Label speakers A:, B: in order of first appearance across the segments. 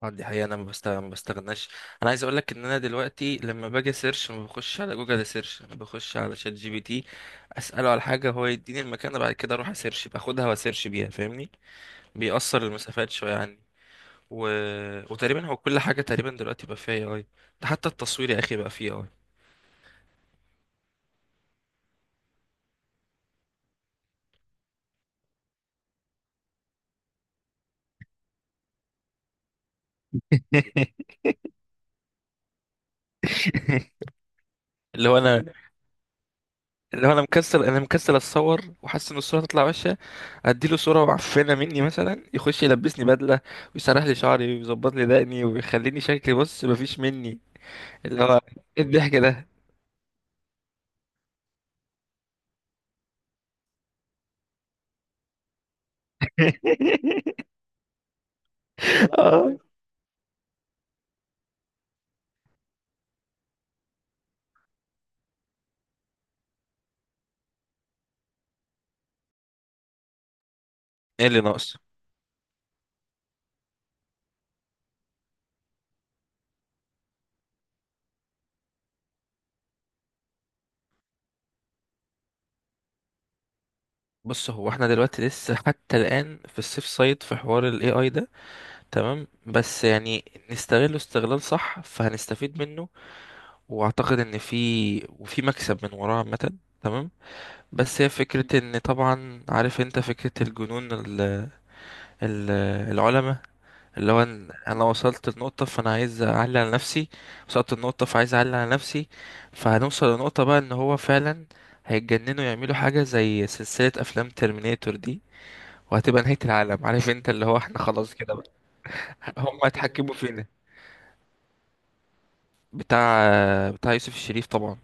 A: اه دي حقيقة، انا ما بستغناش. انا عايز اقول لك ان انا دلوقتي لما باجي سيرش ما بخش على جوجل سيرش، انا بخش على شات جي بي تي، اساله على حاجة هو يديني المكان، بعد كده اروح اسيرش، باخدها واسيرش بيها، فاهمني؟ بيأثر المسافات شوية عني. و... وتقريبا هو كل حاجة تقريبا دلوقتي بقى فيها اي اي، ده حتى التصوير يا اخي بقى فيه اي. اللي هو انا، اللي هو انا مكسل، انا مكسل اتصور وحاسس ان الصورة تطلع وحشة. اديله صورة معفنة مني مثلا، يخش يلبسني بدلة ويسرح لي شعري ويظبط لي دقني ويخليني شكلي بص مفيش مني. اللي هو ايه الضحك ده؟ اه، ايه اللي ناقص؟ بص، هو احنا دلوقتي لسه حتى الان في السيف سايد في حوار الاي اي ده، تمام، بس يعني نستغله استغلال صح فهنستفيد منه، واعتقد ان في... وفي مكسب من وراه عامه، تمام. بس هي فكرة ان طبعا عارف انت فكرة الجنون ال- العلماء، اللي هو إن انا وصلت لنقطة فانا عايز اعلي على نفسي، وصلت لنقطة فعايز اعلي على نفسي، فهنوصل لنقطة بقى ان هو فعلا هيتجننوا، يعملوا حاجة زي سلسلة افلام ترمينيتور دي، وهتبقى نهاية العالم، عارف انت، اللي هو احنا خلاص كده بقى. هم هيتحكموا فينا. بتاع بتاع يوسف الشريف طبعا.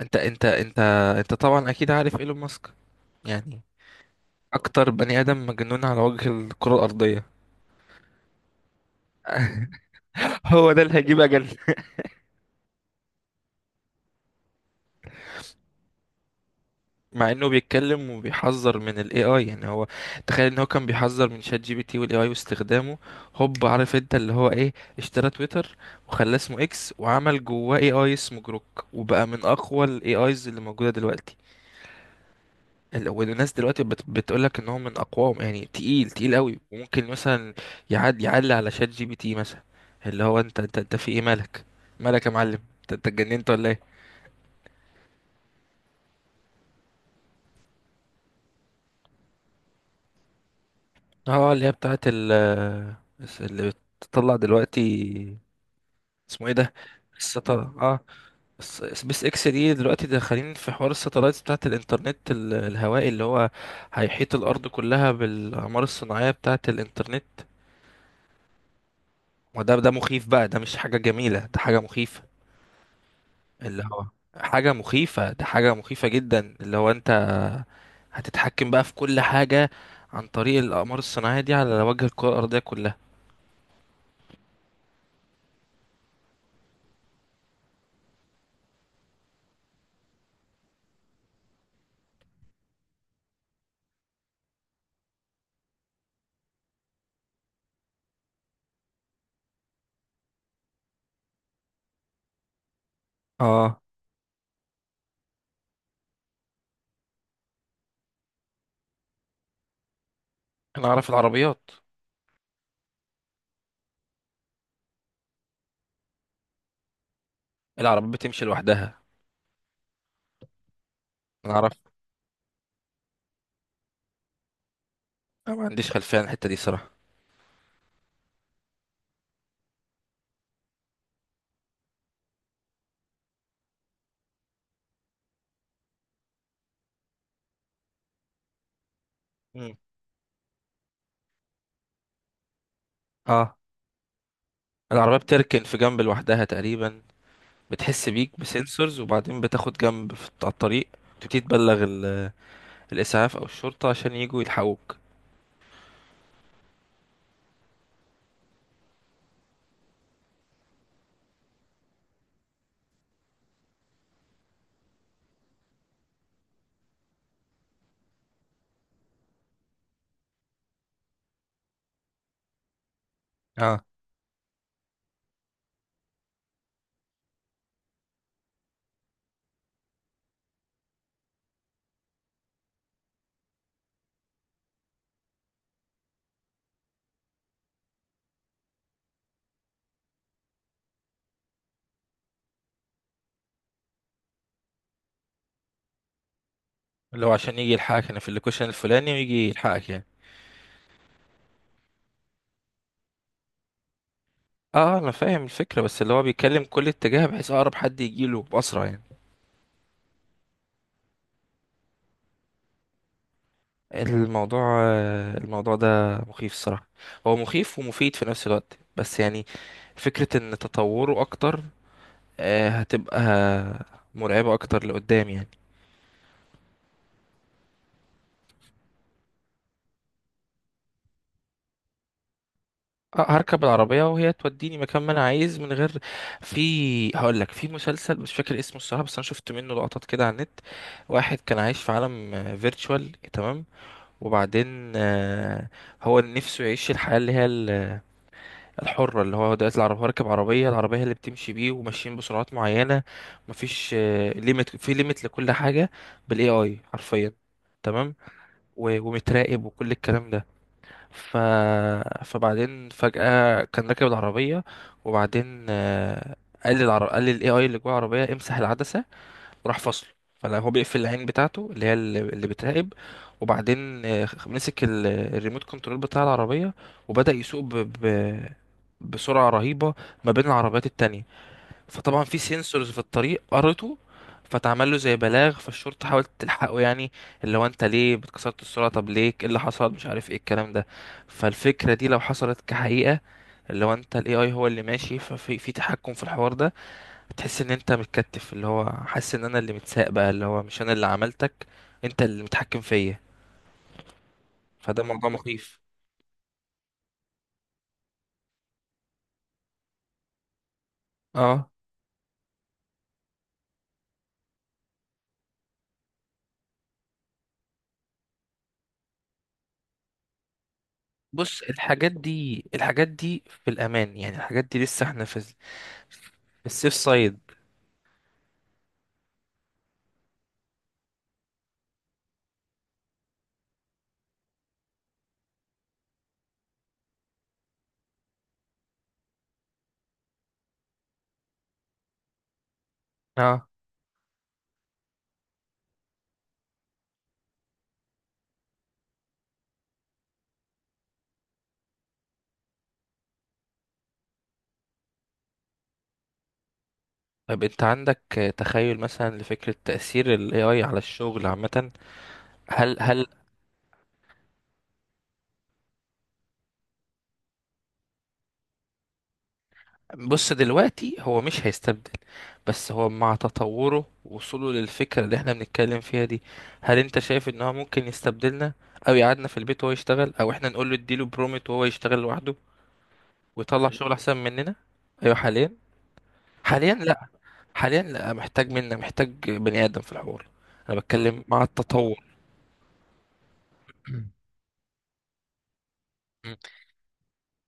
A: انت انت طبعا اكيد عارف ايلون ماسك، يعني اكتر بني ادم مجنون على وجه الكرة الارضية. هو ده اللي هيجيب اجل. مع انه بيتكلم وبيحذر من الاي اي، يعني هو تخيل ان هو كان بيحذر من شات جي بي تي والاي اي واستخدامه، هوب، عارف انت اللي هو ايه، اشترى تويتر وخلاه اسمه اكس، وعمل جواه اي اي اسمه جروك، وبقى من اقوى الاي ايز اللي موجوده دلوقتي. والناس دلوقتي بتقول لك ان هو من اقواهم، يعني تقيل تقيل قوي، وممكن مثلا يعلي على شات جي بي تي مثلا. اللي هو انت في ايه، مالك؟ مالك يا معلم؟ انت اتجننت ولا ايه؟ اه اللي هي بتاعت ال اللي بتطلع دلوقتي، اسمه ايه ده؟ الستار، اه، سبيس اكس دي، دلوقتي داخلين في حوار الستلايتس بتاعت الانترنت الهوائي، اللي هو هيحيط الارض كلها بالاقمار الصناعيه بتاعت الانترنت. ده مخيف بقى، ده مش حاجه جميله، ده حاجه مخيفه، اللي هو حاجه مخيفه، ده حاجه مخيفه جدا، اللي هو انت هتتحكم بقى في كل حاجه عن طريق الاقمار الصناعيه دي على وجه الكره الارضيه كلها. اه، انا اعرف العربيات، العربيات بتمشي لوحدها. انا اعرف، أنا ما عنديش خلفيه عن الحته دي صراحه. مم. اه، العربية بتركن في جنب لوحدها تقريبا، بتحس بيك بسنسورز وبعدين بتاخد جنب في على الطريق، تبتدي تبلغ الإسعاف أو الشرطة عشان يجوا يلحقوك. اه، اللي هو عشان يجي يلحقك، أنا في اللوكيشن الفلاني، ويجي يلحقك يعني. اه، أنا فاهم الفكرة، بس اللي هو بيتكلم كل اتجاه بحيث أقرب حد يجيله بأسرع يعني. الموضوع الموضوع ده مخيف الصراحة، هو مخيف ومفيد في نفس الوقت بس يعني، فكرة ان تطوره اكتر هتبقى مرعبة اكتر لقدام يعني. هركب العربية وهي توديني مكان ما انا عايز من غير. في هقول لك، في مسلسل مش فاكر اسمه الصراحة، بس انا شفت منه لقطات كده على النت، واحد كان عايش في عالم فيرتشوال، تمام، وبعدين هو نفسه يعيش الحياة اللي هي الحرة، اللي هو دلوقتي العربية، راكب عربية، العربية هي اللي بتمشي بيه، وماشيين بسرعات معينة، مفيش ليميت، في ليميت لكل حاجة، بالاي اي حرفيا، تمام، ومتراقب وكل الكلام ده. ف... فبعدين فجأة كان راكب العربية، وبعدين قال للاي اي اللي جوه العربية: امسح العدسة، راح فصله، فلا هو بيقفل العين بتاعته اللي هي اللي بتراقب، وبعدين مسك الريموت كنترول بتاع العربية، وبدأ يسوق ب... بسرعة رهيبة ما بين العربيات التانية، فطبعا في سنسورز في الطريق قرته، فتعمل له زي بلاغ، فالشرطة حاولت تلحقه، يعني اللي هو انت ليه بتكسرت السرعة، طب ليه، ايه اللي حصل، مش عارف ايه الكلام ده. فالفكرة دي لو حصلت كحقيقة، اللي هو انت، الاي اي هو اللي ماشي ففي تحكم في الحوار ده، بتحس ان انت متكتف، اللي هو حاسس ان انا اللي متساق بقى، اللي هو مش انا اللي عملتك، انت اللي متحكم فيا، فده موضوع مخيف. اه، بص الحاجات دي، الحاجات دي في الامان يعني، الحاجات دي لسه احنا في السيف سايد. اه، طب انت عندك تخيل مثلا لفكرة تأثير ال AI على الشغل عامة؟ هل هل بص دلوقتي هو مش هيستبدل، بس هو مع تطوره ووصوله للفكرة اللي احنا بنتكلم فيها دي، هل انت شايف ان هو ممكن يستبدلنا، او يقعدنا في البيت وهو يشتغل، او احنا نقول له اديله برومت وهو يشتغل لوحده ويطلع شغل احسن مننا؟ ايوه حاليا، حاليا لا، حاليا لا، محتاج منا، محتاج بني ادم في الحوار. انا بتكلم مع التطور.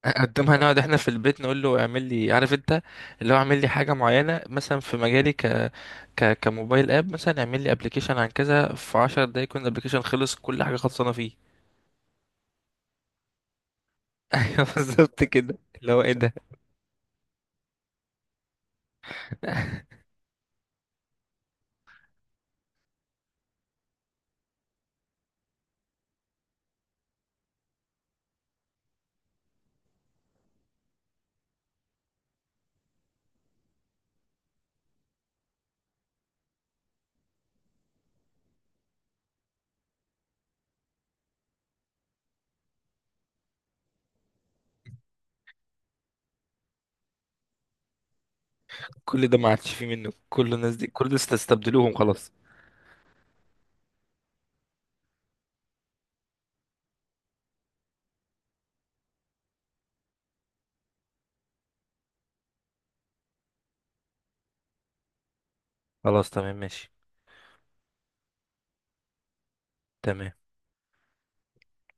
A: اقدمها نقعد احنا في البيت، نقول له اعمل لي، عارف انت، اللي هو اعمل لي حاجه معينه مثلا، في مجالي ك ك كموبايل اب مثلا، اعمل لي ابلكيشن عن كذا في 10 دقايق، يكون الابلكيشن خلص كل حاجه خلصانه فيه. ايوه بالظبط كده، اللي هو ايه ده؟ كل ده ما عادش فيه منه، كل الناس دي، كل الناس استبدلوهم خلاص. خلاص تمام، ماشي، تمام.